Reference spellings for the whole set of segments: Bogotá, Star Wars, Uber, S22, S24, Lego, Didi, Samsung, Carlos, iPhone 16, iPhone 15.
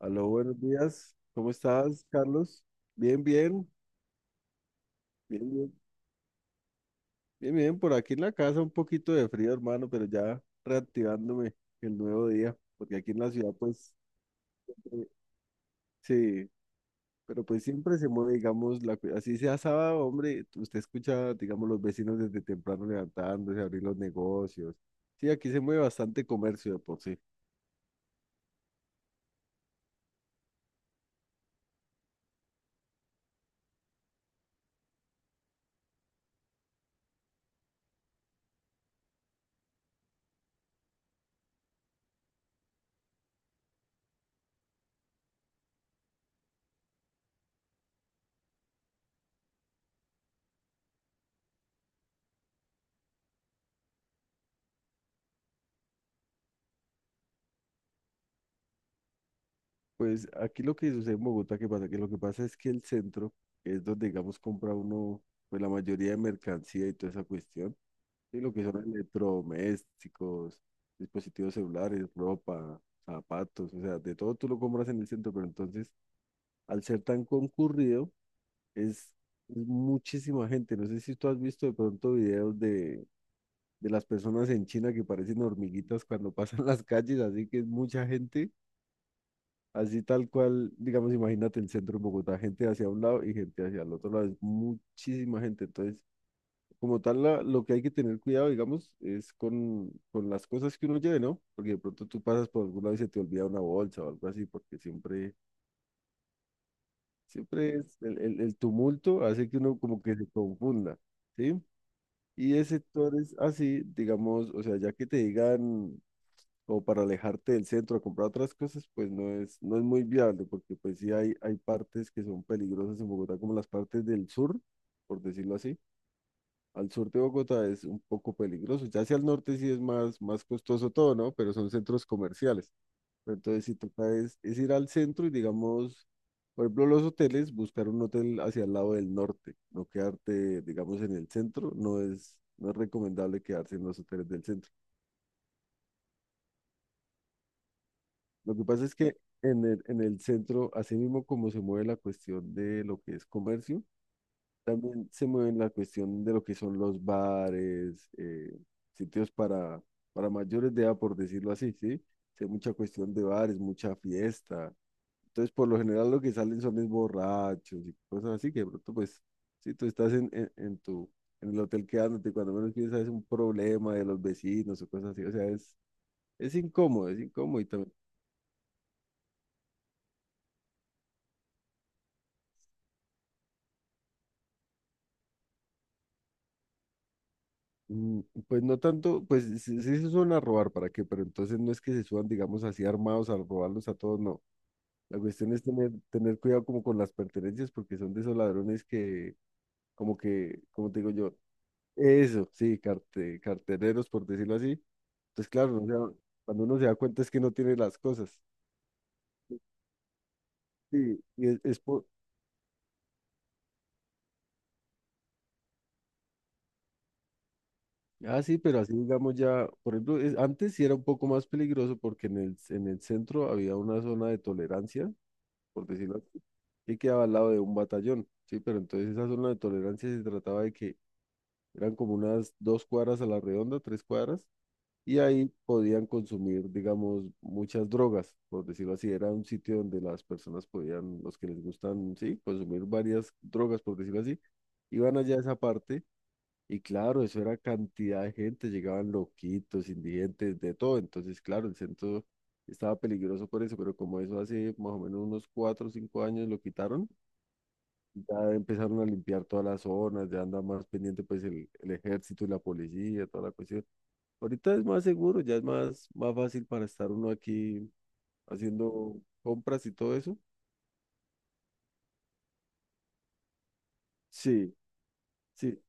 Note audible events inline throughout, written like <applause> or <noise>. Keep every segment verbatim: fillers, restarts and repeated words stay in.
Aló, buenos días. ¿Cómo estás, Carlos? Bien, bien, bien, bien, bien, bien. Por aquí en la casa un poquito de frío, hermano, pero ya reactivándome el nuevo día, porque aquí en la ciudad, pues, eh, sí, pero pues siempre se mueve, digamos, la, cu- así sea sábado, hombre, usted escucha, digamos, los vecinos desde temprano levantándose, abrir los negocios. Sí, aquí se mueve bastante comercio de por sí. Pues aquí lo que sucede en Bogotá, ¿que pasa? Que lo que pasa es que el centro es donde, digamos, compra uno, pues la mayoría de mercancía y toda esa cuestión. Y lo que son electrodomésticos, dispositivos celulares, ropa, zapatos, o sea, de todo tú lo compras en el centro, pero entonces, al ser tan concurrido, es, es muchísima gente. No sé si tú has visto de pronto videos de, de las personas en China que parecen hormiguitas cuando <laughs> pasan las calles, así que es mucha gente. Así tal cual, digamos, imagínate el centro de Bogotá, gente hacia un lado y gente hacia el otro lado, es muchísima gente. Entonces, como tal, la- lo que hay que tener cuidado, digamos, es con, con las cosas que uno lleve, ¿no? Porque de pronto tú pasas por algún lado y se te olvida una bolsa o algo así, porque siempre, siempre es el, el, el tumulto hace que uno como que se confunda, ¿sí? Y de sectores así, digamos, o sea, ya que te digan o para alejarte del centro a comprar otras cosas, pues no es, no es muy viable, porque pues sí hay, hay partes que son peligrosas en Bogotá, como las partes del sur, por decirlo así. Al sur de Bogotá es un poco peligroso, ya hacia el norte sí es más, más costoso todo, ¿no? Pero son centros comerciales. Pero entonces si toca es, es ir al centro y digamos, por ejemplo, los hoteles, buscar un hotel hacia el lado del norte, no quedarte, digamos, en el centro, no es, no es recomendable quedarse en los hoteles del centro. Lo que pasa es que en el, en el centro, así mismo como se mueve la cuestión de lo que es comercio, también se mueve la cuestión de lo que son los bares, eh, sitios para, para mayores de edad, por decirlo así, ¿sí? Sí, hay mucha cuestión de bares, mucha fiesta. Entonces, por lo general, lo que salen son es borrachos y cosas así, que de pronto, pues, si tú estás en, en, en tu, en el hotel quedándote, cuando menos piensas es un problema de los vecinos o cosas así, o sea, es, es incómodo, es incómodo y también. Mm. Pues no tanto, pues sí, sí se suelen a robar, ¿para qué? Pero entonces no es que se suban, digamos, así armados a robarlos a todos, no. La cuestión es tener, tener cuidado como con las pertenencias, porque son de esos ladrones que, como que, como te digo yo, eso, sí, carte, cartereros, por decirlo así. Entonces, claro, o sea, cuando uno se da cuenta es que no tiene las cosas. Sí, y es, es por. Ah, sí, pero así digamos ya, por ejemplo, es- antes sí era un poco más peligroso porque en el, en el centro había una zona de tolerancia por decirlo así, que quedaba al lado de un batallón, ¿sí? Pero entonces esa zona de tolerancia se trataba de que eran como unas dos cuadras a la redonda, tres cuadras, y ahí podían consumir, digamos, muchas drogas, por decirlo así. Era un sitio donde las personas podían, los que les gustan, sí, consumir varias drogas, por decirlo así, iban allá a esa parte y claro, eso era cantidad de gente, llegaban loquitos, indigentes, de todo. Entonces, claro, el centro estaba peligroso por eso, pero como eso hace más o menos unos cuatro o cinco años lo quitaron, ya empezaron a limpiar todas las zonas, ya anda más pendiente pues el, el ejército y la policía, toda la cuestión. Ahorita es más seguro, ya es más, más fácil para estar uno aquí haciendo compras y todo eso. Sí, sí.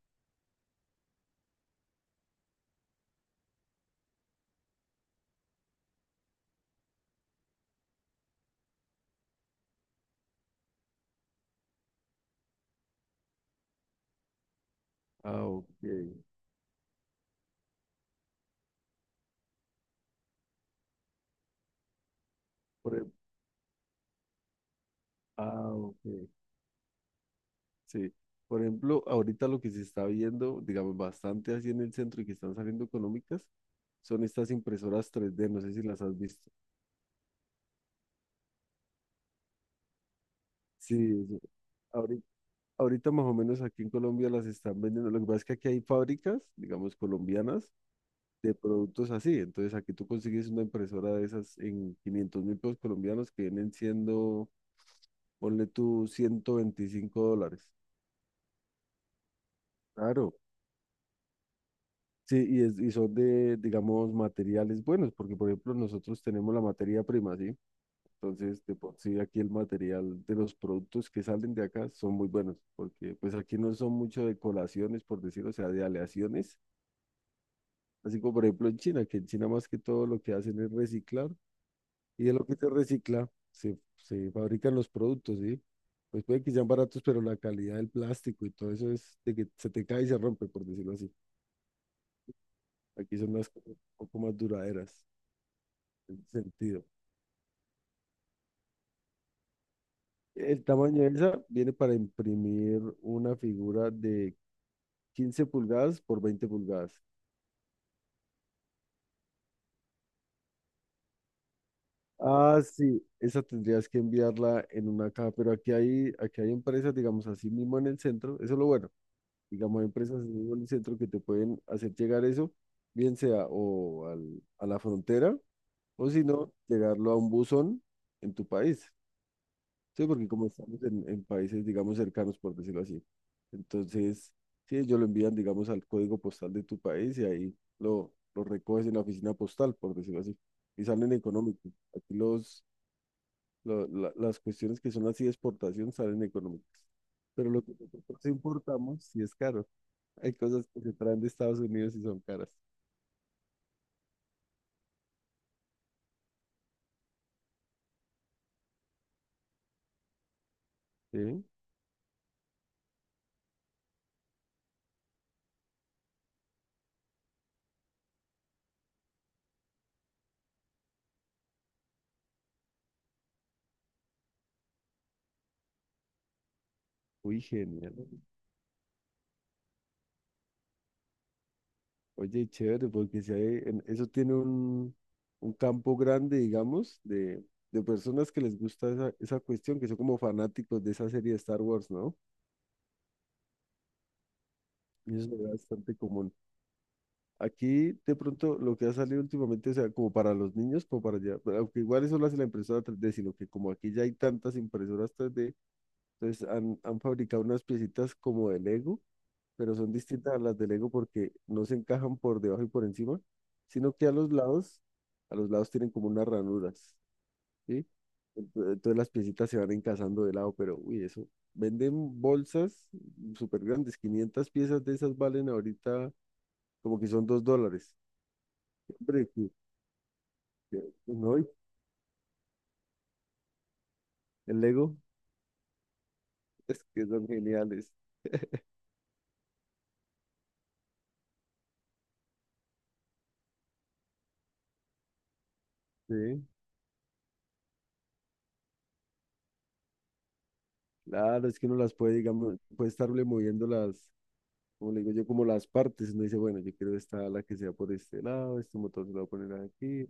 Ah, ok. Por ej- ah, ok. Sí. Por ejemplo, ahorita lo que se está viendo, digamos, bastante así en el centro y que están saliendo económicas, son estas impresoras tres d, no sé si las has visto. Sí, eso. ahori- Ahorita, más o menos aquí en Colombia las están vendiendo. Lo que pasa es que aquí hay fábricas, digamos, colombianas de productos así. Entonces aquí tú consigues una impresora de esas en quinientos mil pesos colombianos que vienen siendo, ponle tú, ciento veinticinco dólares. Claro, sí, y, es- y son de, digamos, materiales buenos, porque por ejemplo nosotros tenemos la materia prima, ¿sí? Entonces, de por sí aquí el material de los productos que salen de acá son muy buenos, porque pues aquí no son mucho de colaciones, por decirlo o sea, de aleaciones, así como por ejemplo en China, que en China más que todo lo que hacen es reciclar, y de lo que se recicla se, se fabrican los productos, ¿sí? Pues puede que sean baratos, pero la calidad del plástico y todo eso es de que se te cae y se rompe, por decirlo así. Aquí son las cosas un poco más duraderas en ese sentido. El tamaño de esa viene para imprimir una figura de quince pulgadas por veinte pulgadas. Ah, sí, esa tendrías que enviarla en una caja, pero aquí hay, aquí hay empresas, digamos, así mismo en el centro, eso es lo bueno, digamos, hay empresas así mismo en el centro que te pueden hacer llegar eso, bien sea o al- a la frontera, o si no, llegarlo a un buzón en tu país. Sí, porque como estamos en, en países, digamos, cercanos, por decirlo así. Entonces, sí, ellos lo envían, digamos, al código postal de tu país y ahí lo, lo, recoges en la oficina postal, por decirlo así. Y salen económicos. Aquí los, lo- la- las cuestiones que son así de exportación salen económicas. Pero lo que nosotros importamos sí es caro. Hay cosas que se traen de Estados Unidos y son caras. Sí, uy, genial. Oye, chévere, porque si hay, en- eso tiene un, un, campo grande, digamos, de, de personas que les gusta esa, esa cuestión, que son como fanáticos de esa serie de Star Wars, ¿no? Y eso es bastante común. Aquí, de pronto, lo que ha salido últimamente, o sea, como para los niños, como para allá, aunque igual eso lo hace la impresora tres d, sino que como aquí ya hay tantas impresoras tres d entonces han, han fabricado unas piecitas como de Lego, pero son distintas a las de Lego porque no se encajan por debajo y por encima, sino que a los lados, a los lados tienen como unas ranuras, ¿sí? Ento- Entonces las piecitas se van encajando de lado, pero uy, eso. Venden bolsas súper grandes, quinientas piezas de esas valen ahorita como que son dos dólares. Hombre, que- que- no, y el Lego es que son geniales, ¿sí? Claro, es que uno las puede, digamos, puede estarle moviendo las, como le digo yo, como las partes, uno dice, bueno, yo quiero esta ala que sea por este lado, este motor se lo voy a poner aquí.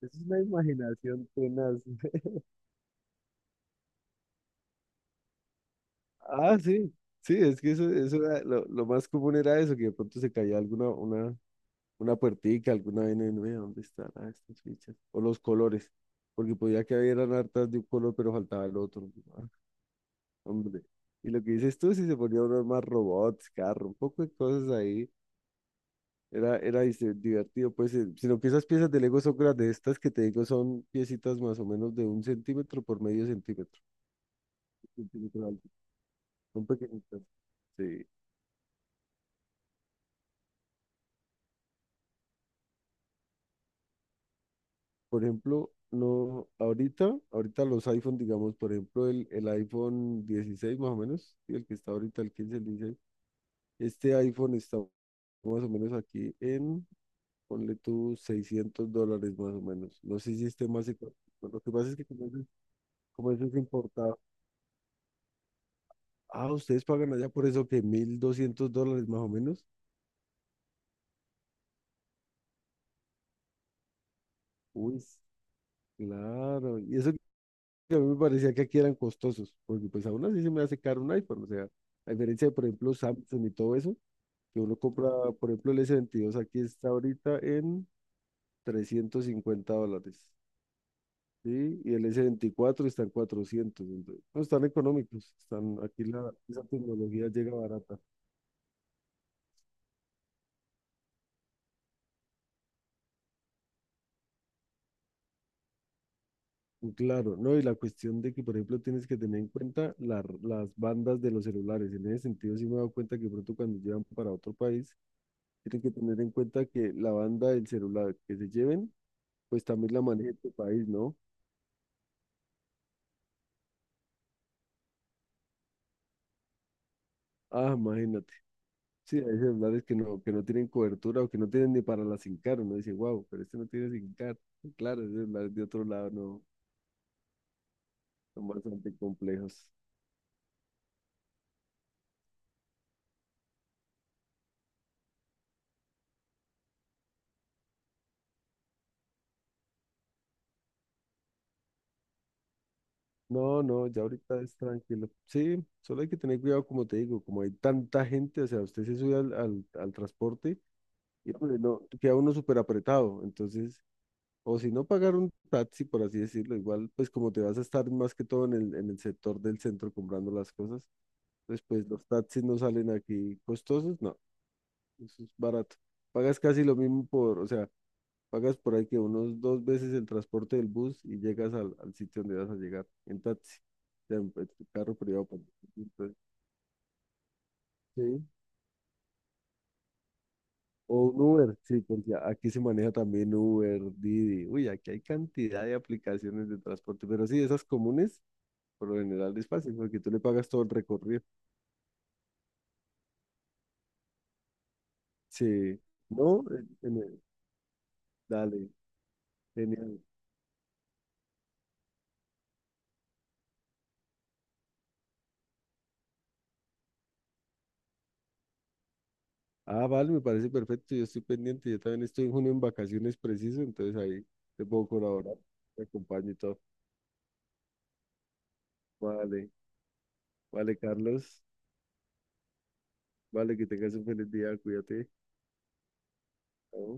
Es una imaginación tenaz. <laughs> Ah, sí, sí, es que eso, eso era, lo, lo más común era eso, que de pronto se caía alguna, una, una puertica, alguna vaina, y uno, "Vea, ¿dónde están ah, estas fichas? O los colores, porque podía que hubieran hartas de un color, pero faltaba el otro. Ah, hombre. Y lo que dices tú, si se ponía unos más robots, carro, un poco de cosas ahí. Era, era dice, divertido, pues eh, sino que esas piezas de Lego son grandes, estas que te digo son piecitas más o menos de un centímetro por medio centímetro, un centímetro de alto, son pequeñitas. Sí. Por ejemplo, no, ahorita, ahorita los iPhone, digamos, por ejemplo, el, el iPhone dieciséis más o menos, y el que está ahorita, el quince, el dieciséis, este iPhone está más o menos aquí en, ponle tú seiscientos dólares más o menos, no sé si esté más económico, lo que pasa es que como eso es, como eso es importado. Ah, ustedes pagan allá por eso que mil doscientos dólares más o menos. Uy, claro. Y eso que a mí me parecía que aquí eran costosos, porque pues aún así se me hace caro un iPhone. O sea, a diferencia de, por ejemplo, Samsung y todo eso, que uno compra, por ejemplo, el S veintidós aquí está ahorita en trescientos cincuenta dólares. Sí, y el S veinticuatro está en cuatrocientos. Entonces, no, están económicos. Están, aquí la, esa tecnología llega barata. Claro, ¿no? Y la cuestión de que, por ejemplo, tienes que tener en cuenta la- las bandas de los celulares. En ese sentido, sí me he dado cuenta que pronto cuando llevan para otro país, tienen que tener en cuenta que la banda del celular que se lleven, pues también la maneja tu país, ¿no? Ah, imagínate. Sí, hay celulares que no, que no tienen cobertura o que no tienen ni para la SIM card. Uno dice, wow, pero este no tiene SIM card. Y claro, esos celulares de otro lado no son bastante complejos. No, no, ya ahorita es tranquilo. Sí, solo hay que tener cuidado, como te digo, como hay tanta gente, o sea, usted se sube al, al, al transporte y pues, no, queda uno súper apretado. Entonces, o si no pagar un taxi, por así decirlo, igual, pues como te vas a estar más que todo en el, en el sector del centro comprando las cosas, pues, pues, los taxis no salen aquí costosos, no, eso es barato. Pagas casi lo mismo por, o sea, pagas por ahí que unos dos veces el transporte del bus y llegas al, al sitio donde vas a llegar, en taxi, o sea, en, en tu carro privado pues. Entonces, sí. O un Uber, sí, porque aquí se maneja también Uber, Didi. Uy, aquí hay cantidad de aplicaciones de transporte, pero sí, esas comunes, por lo general es fácil, porque tú le pagas todo el recorrido. Sí, no, en- en el- dale, genial. Ah, vale, me parece perfecto, yo estoy pendiente, yo también estoy en junio en vacaciones preciso, entonces ahí te puedo colaborar, te acompaño y todo. Vale, vale, Carlos. Vale, que tengas un feliz día. Cuídate. Chao.